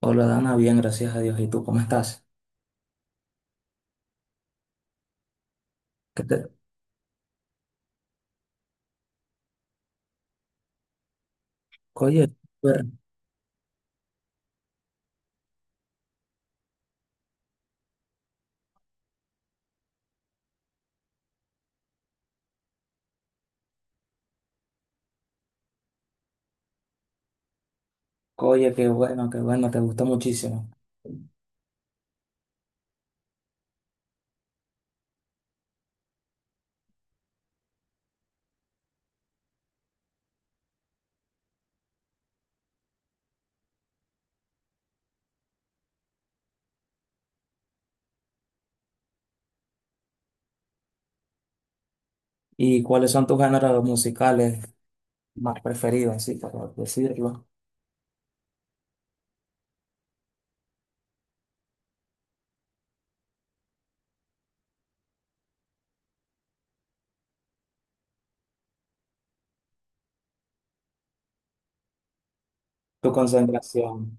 Hola Dana, bien, gracias a Dios. ¿Y tú cómo estás? ¿Qué te... Oye, súper. Oye, qué bueno, te gustó muchísimo. ¿Y cuáles son tus géneros musicales más preferidos, así para decirlo? Tu concentración.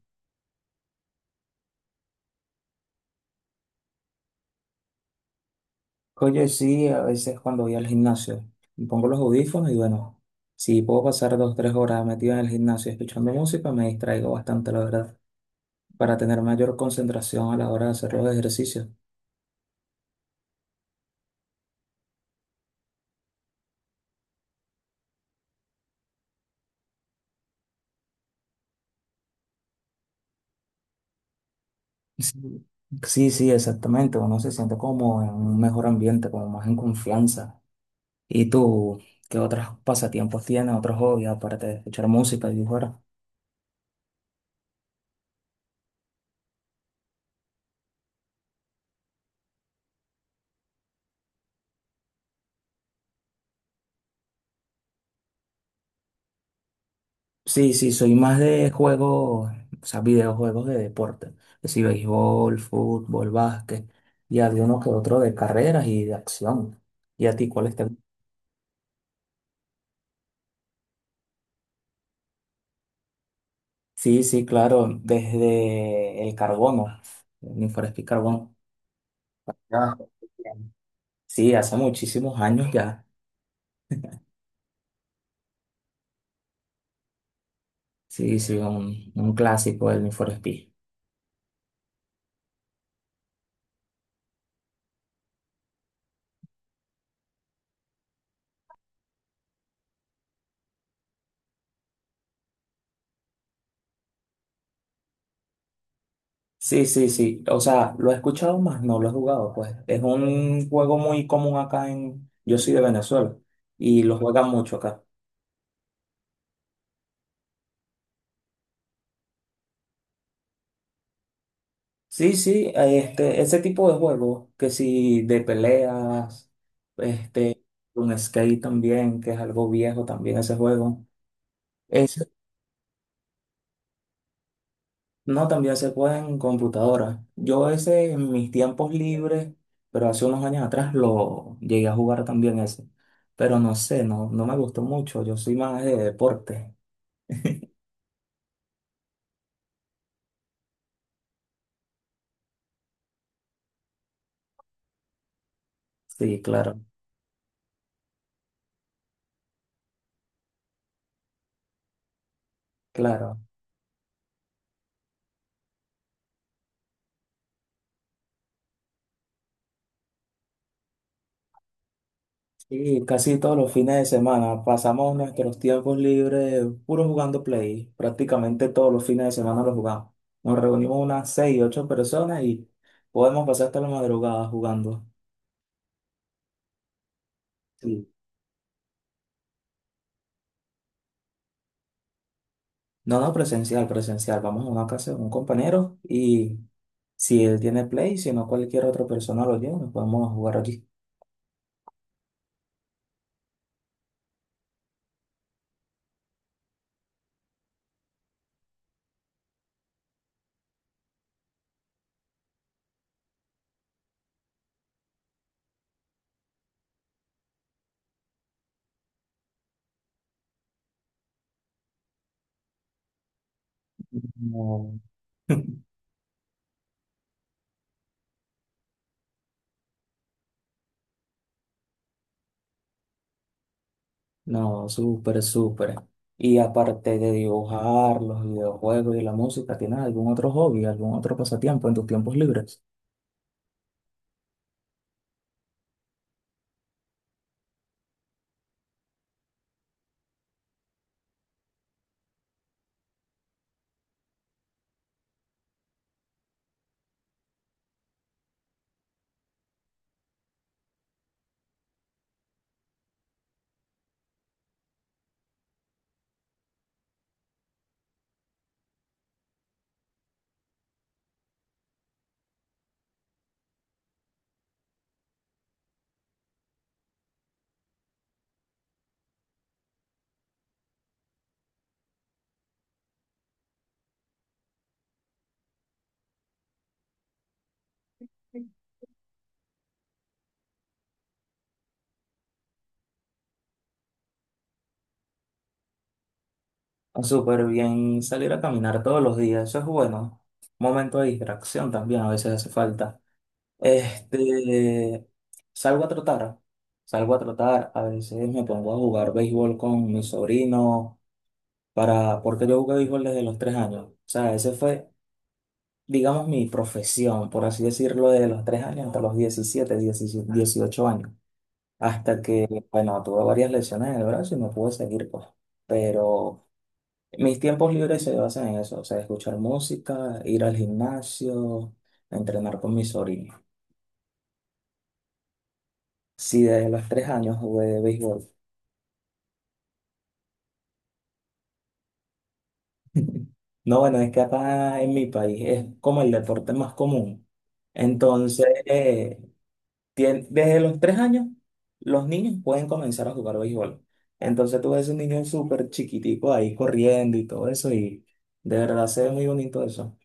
Oye, sí, a veces cuando voy al gimnasio, me pongo los audífonos y bueno, si puedo pasar 2, 3 horas metido en el gimnasio escuchando música, me distraigo bastante, la verdad, para tener mayor concentración a la hora de hacer los ejercicios. Sí, sí, sí, exactamente. Uno se siente como en un mejor ambiente, como más en confianza. ¿Y tú qué otros pasatiempos tienes, otros hobbies, aparte de escuchar música y dibujar? Sí, sí, soy más de juegos, o sea, videojuegos de deporte. Es decir, béisbol, fútbol, básquet. Y había uno que otro de carreras y de acción. ¿Y a ti cuáles te gustan? Sí, sí, claro, desde el carbono, el Need for Speed Carbono. Ah, sí, hace muchísimos años ya. Sí, sí, un clásico del Need for Speed. Sí, sí, sí. O sea, lo he escuchado más, no lo he jugado, pues. Es un juego muy común acá en... Yo soy de Venezuela y lo juegan mucho acá. Sí, sí, este, ese tipo de juegos, que si de peleas, este, un skate también, que es algo viejo también ese juego. Es No, también se puede en computadora. Yo ese en mis tiempos libres, pero hace unos años atrás lo llegué a jugar también ese. Pero no sé, no, no me gustó mucho. Yo soy más de deporte. Sí, claro, claro. Y casi todos los fines de semana pasamos nuestros tiempos libres puro jugando play. Prácticamente todos los fines de semana lo jugamos. Nos reunimos unas 6, 8 personas y podemos pasar hasta la madrugada jugando. Sí. No, no, presencial, presencial. Vamos a una casa de un compañero y si él tiene Play, si no cualquier otra persona lo lleva, nos podemos jugar aquí. No, no, súper, súper. Y aparte de dibujar, los videojuegos y la música, ¿tienes algún otro hobby, algún otro pasatiempo en tus tiempos libres? Ah, súper bien salir a caminar todos los días, eso es bueno. Momento de distracción también, a veces hace falta. Este, salgo a trotar, salgo a trotar, a veces me pongo a jugar béisbol con mi sobrino, porque yo jugué béisbol desde los 3 años. O sea, ese fue, digamos, mi profesión, por así decirlo, desde los 3 años hasta los 17 17, 18 años. Hasta que, bueno, tuve varias lesiones en el brazo y no pude seguir, pues. Pero mis tiempos libres se basan en eso, o sea, escuchar música, ir al gimnasio, entrenar con mi sobrino. Sí, desde los 3 años jugué de béisbol. No, bueno, es que acá en mi país es como el deporte más común. Entonces, desde los 3 años, los niños pueden comenzar a jugar béisbol. Entonces, tú ves un niño súper chiquitico ahí corriendo y todo eso, y de verdad se ve muy bonito eso.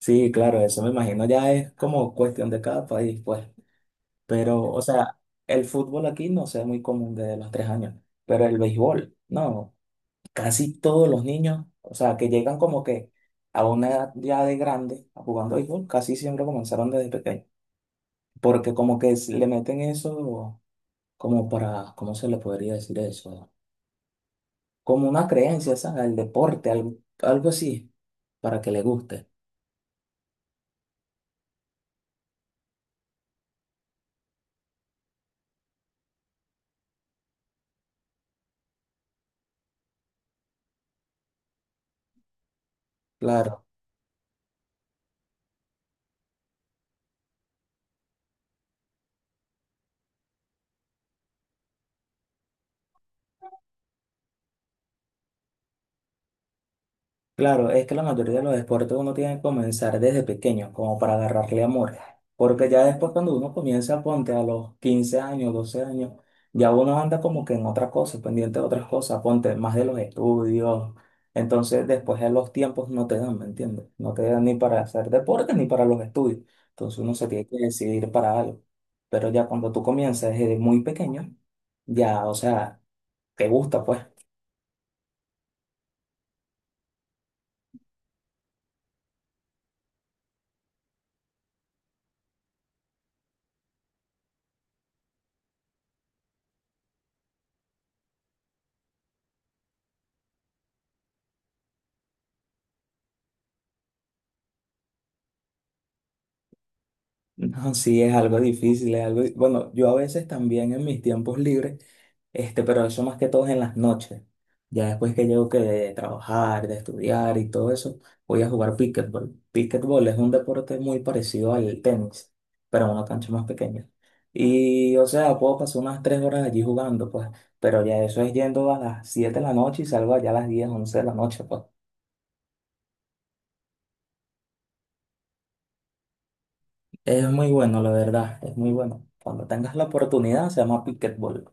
Sí, claro, eso me imagino ya es como cuestión de cada país, pues. Pero, o sea, el fútbol aquí no se ve muy común desde los 3 años, pero el béisbol, no. Casi todos los niños, o sea, que llegan como que a una edad ya de grande a jugando béisbol, casi siempre comenzaron desde pequeño, porque como que le meten eso como para, ¿cómo se le podría decir eso? Como una creencia, ¿sabes? Al deporte, algo así, para que le guste. Claro. Claro, es que la mayoría de los deportes uno tiene que comenzar desde pequeño, como para agarrarle amor. Porque ya después cuando uno comienza, ponte a los 15 años, 12 años, ya uno anda como que en otra cosa, pendiente de otras cosas, ponte más de los estudios. Entonces después de los tiempos no te dan, ¿me entiendes? No te dan ni para hacer deporte ni para los estudios. Entonces uno se tiene que decidir para algo. Pero ya cuando tú comienzas desde muy pequeño, ya, o sea, te gusta, pues. No, sí, es algo difícil, es algo... Bueno, yo a veces también en mis tiempos libres, este, pero eso más que todo es en las noches. Ya después que llego que de trabajar, de estudiar y todo eso, voy a jugar pickleball. Pickleball es un deporte muy parecido al tenis, pero en una cancha más pequeña. Y, o sea, puedo pasar unas 3 horas allí jugando, pues, pero ya eso es yendo a las 7 de la noche y salgo allá a las 10 11 de la noche, pues. Es muy bueno, la verdad, es muy bueno. Cuando tengas la oportunidad, se llama pickleball.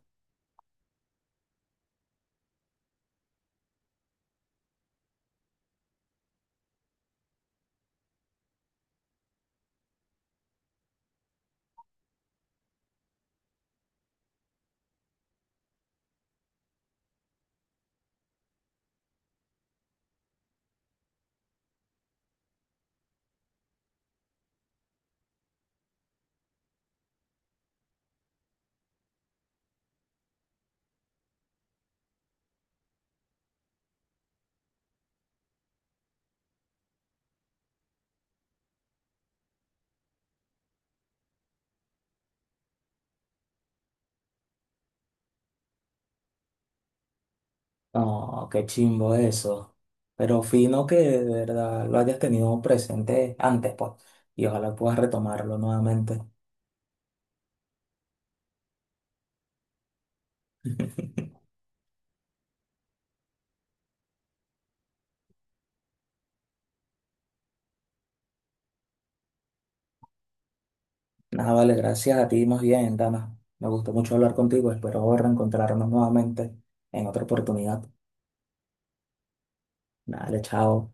No, qué chimbo eso. Pero fino que de verdad lo hayas tenido presente antes, pues. Y ojalá puedas retomarlo nuevamente. Nada, vale, gracias a ti más bien, Dana. Me gustó mucho hablar contigo. Espero reencontrarnos nuevamente en otra oportunidad. Dale, chao.